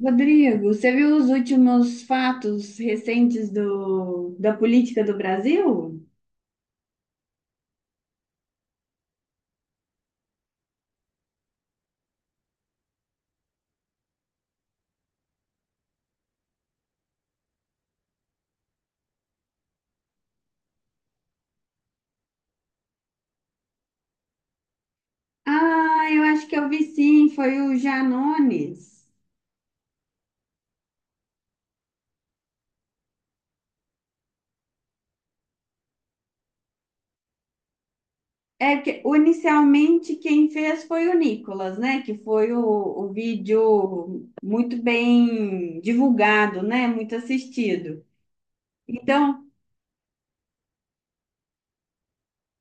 Rodrigo, você viu os últimos fatos recentes da política do Brasil? Ah, eu acho que eu vi sim, foi o Janones. Inicialmente quem fez foi o Nicolas, né? O vídeo muito bem divulgado, né? Muito assistido. Então,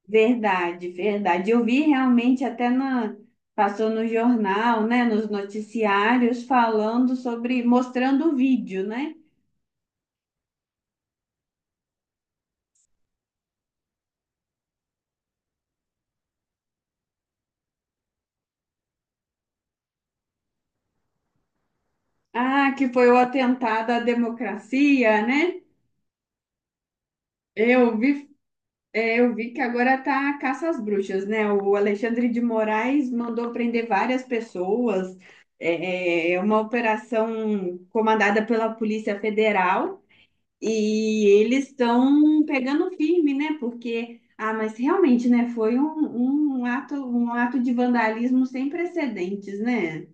verdade, verdade. Eu vi realmente até na passou no jornal, né? Nos noticiários falando sobre, mostrando o vídeo, né? Ah, que foi o atentado à democracia, né? Eu vi, eu vi que agora tá a caça às bruxas, né? O Alexandre de Moraes mandou prender várias pessoas. É é uma operação comandada pela Polícia Federal e eles estão pegando firme, né? Porque, mas realmente, né? Foi um ato de vandalismo sem precedentes, né?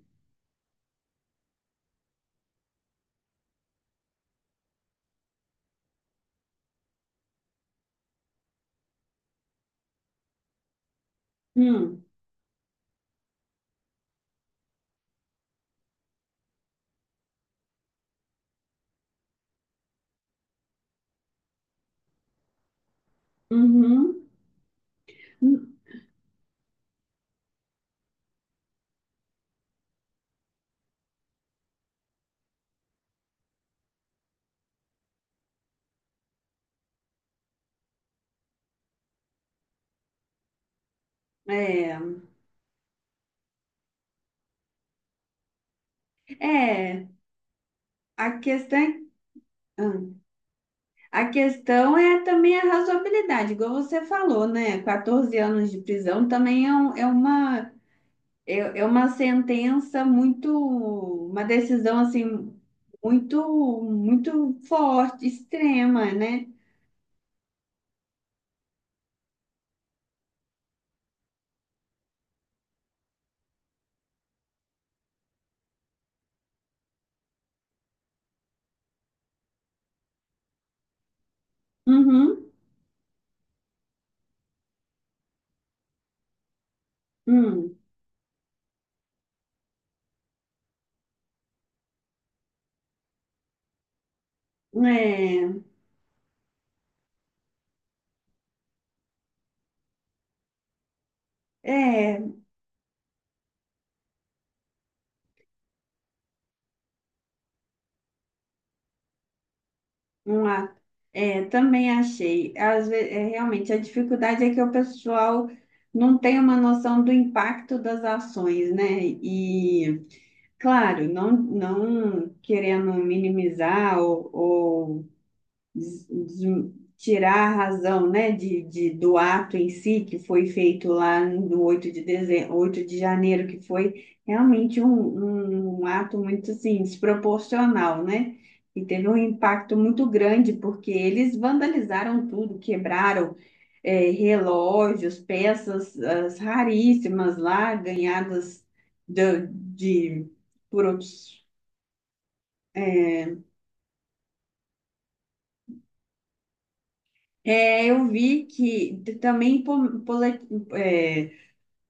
Hum, uhum, é. É, a questão é. Ah, a questão é também a razoabilidade, igual você falou, né? 14 anos de prisão também é, é uma, é uma sentença muito, uma decisão assim, muito, muito forte, extrema, né? Uhum, hum, é, é, uma, é, também achei. Às vezes, é, realmente, a dificuldade é que o pessoal não tem uma noção do impacto das ações, né? E claro, não querendo minimizar ou tirar a razão, né, do ato em si, que foi feito lá no 8 de dezembro, 8 de janeiro, que foi realmente um ato muito, assim, desproporcional, né? E teve um impacto muito grande, porque eles vandalizaram tudo, quebraram, relógios, peças, as raríssimas lá, ganhadas de, de- por outros. É, É, eu vi que também é,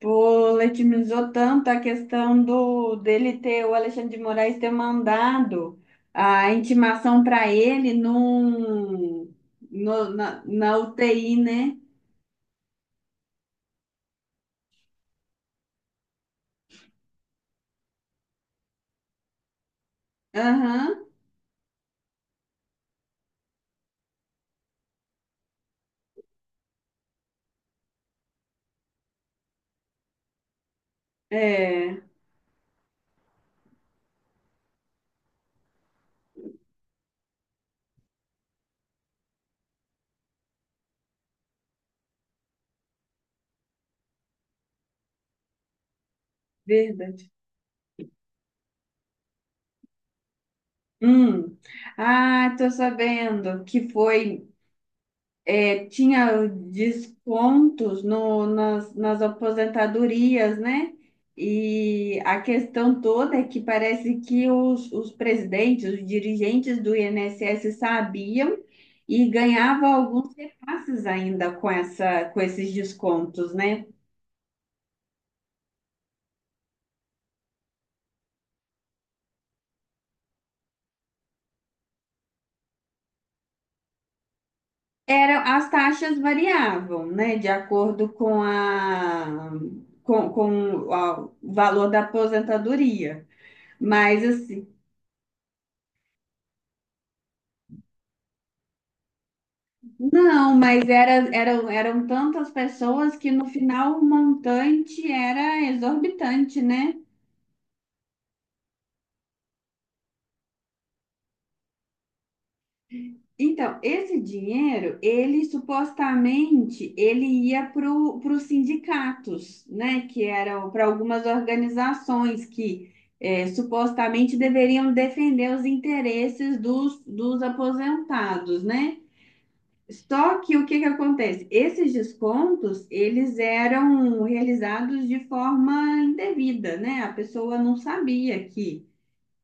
poletimizou tanto a questão do dele ter, o Alexandre de Moraes ter mandado a intimação para ele no, na, na UTI, né? Aham, é, verdade. Hum. Ah, tô sabendo que foi é, tinha descontos no, nas aposentadorias, né? E a questão toda é que parece que os presidentes, os dirigentes do INSS sabiam e ganhavam alguns repasses ainda com essa, com esses descontos, né? Era, as taxas variavam, né? De acordo com a- o valor da aposentadoria. Mas assim, não, mas era, eram, eram tantas pessoas que no final o montante era exorbitante, né? Então, esse dinheiro, ele supostamente, ele ia para os sindicatos, né? Que eram para algumas organizações que supostamente deveriam defender os interesses dos, dos aposentados, né? Só que o que que acontece? Esses descontos, eles eram realizados de forma indevida, né? A pessoa não sabia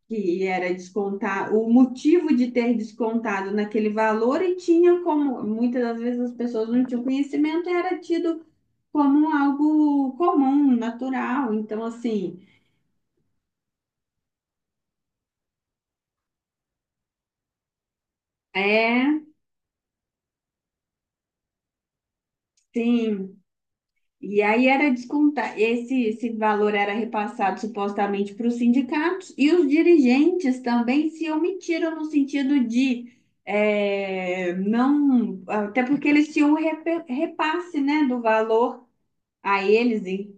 que era descontar, o motivo de ter descontado naquele valor e tinha como, muitas das vezes as pessoas não tinham conhecimento, e era tido como algo comum, natural. Então, assim, é, sim, e aí era descontar, esse valor era repassado supostamente para os sindicatos e os dirigentes também se omitiram no sentido de não, até porque eles tinham um repasse, né, do valor a eles. E-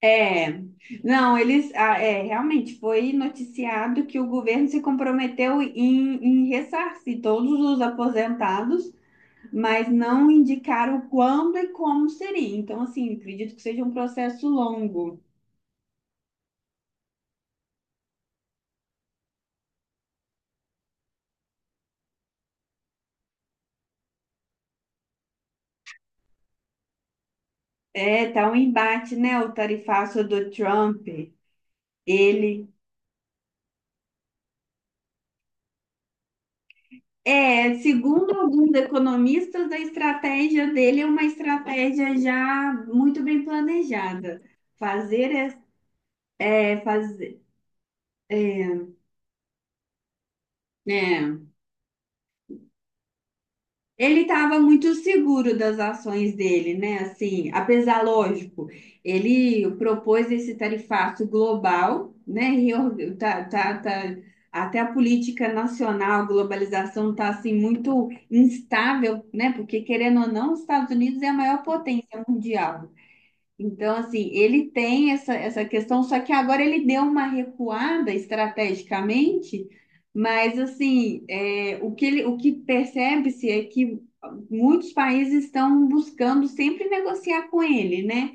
É, não, eles, é, realmente foi noticiado que o governo se comprometeu em, em ressarcir todos os aposentados, mas não indicaram quando e como seria. Então, assim, acredito que seja um processo longo. É, tá um embate, né? O tarifaço do Trump, ele é, segundo alguns economistas, a estratégia dele é uma estratégia já muito bem planejada. Fazer, é, fazer, é, né, ele estava muito seguro das ações dele, né? Assim, apesar, lógico, ele propôs esse tarifaço global, né? Até a política nacional, a globalização está assim muito instável, né? Porque querendo ou não, os Estados Unidos é a maior potência mundial. Então, assim, ele tem essa, essa questão, só que agora ele deu uma recuada estrategicamente, mas, assim, é, o que percebe-se é que muitos países estão buscando sempre negociar com ele, né?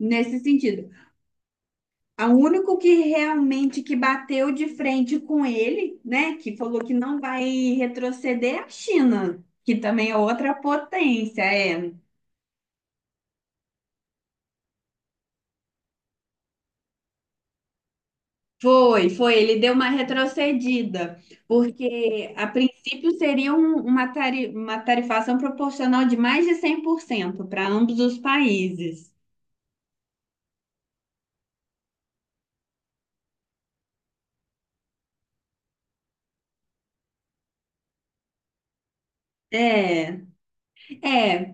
Nesse sentido. O único que realmente que bateu de frente com ele, né, que falou que não vai retroceder é a China, que também é outra potência, é, foi, foi. Ele deu uma retrocedida, porque a princípio seria uma, uma tarifação proporcional de mais de 100% para ambos os países. É, é,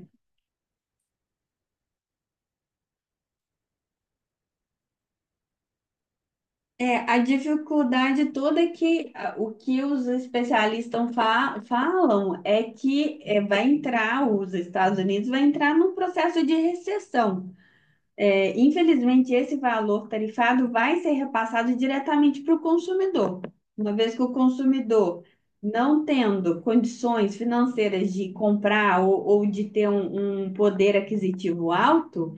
é, a dificuldade toda é que ah, o que os especialistas falam é que é, vai entrar, os Estados Unidos vai entrar num processo de recessão. É, infelizmente, esse valor tarifado vai ser repassado diretamente para o consumidor, uma vez que o consumidor, não tendo condições financeiras de comprar ou de ter um poder aquisitivo alto,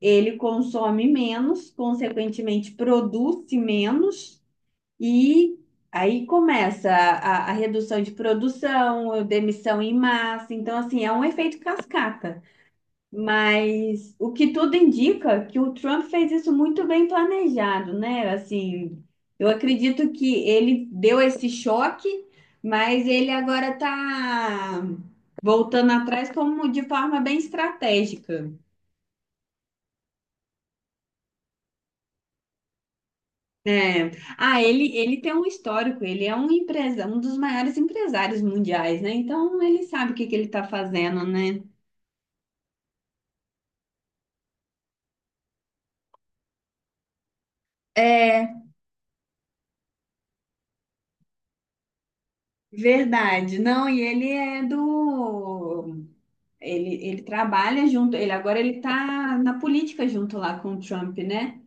ele consome menos, consequentemente, produz menos. E. Aí começa a redução de produção, demissão em massa. Então, assim, é um efeito cascata. Mas o que tudo indica é que o Trump fez isso muito bem planejado, né? Assim, eu acredito que ele deu esse choque, mas ele agora está voltando atrás como de forma bem estratégica, né? Ah, ele tem um histórico, ele é um empresa, um dos maiores empresários mundiais, né? Então ele sabe o que que ele está fazendo, né? É verdade. Não, e ele é do. Ele trabalha junto, ele tá na política junto lá com o Trump, né?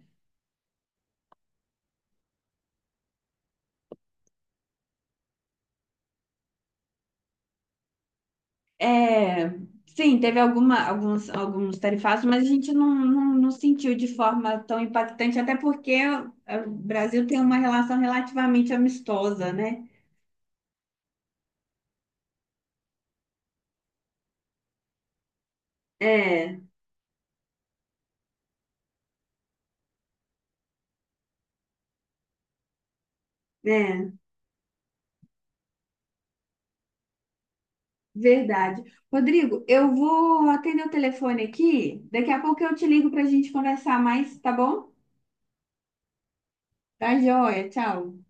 É, sim, teve alguma, alguns, alguns tarifaços, mas a gente não sentiu de forma tão impactante, até porque o Brasil tem uma relação relativamente amistosa, né? É, é, verdade. Rodrigo, eu vou atender o telefone aqui, daqui a pouco eu te ligo para a gente conversar mais, tá bom? Tá joia, tchau.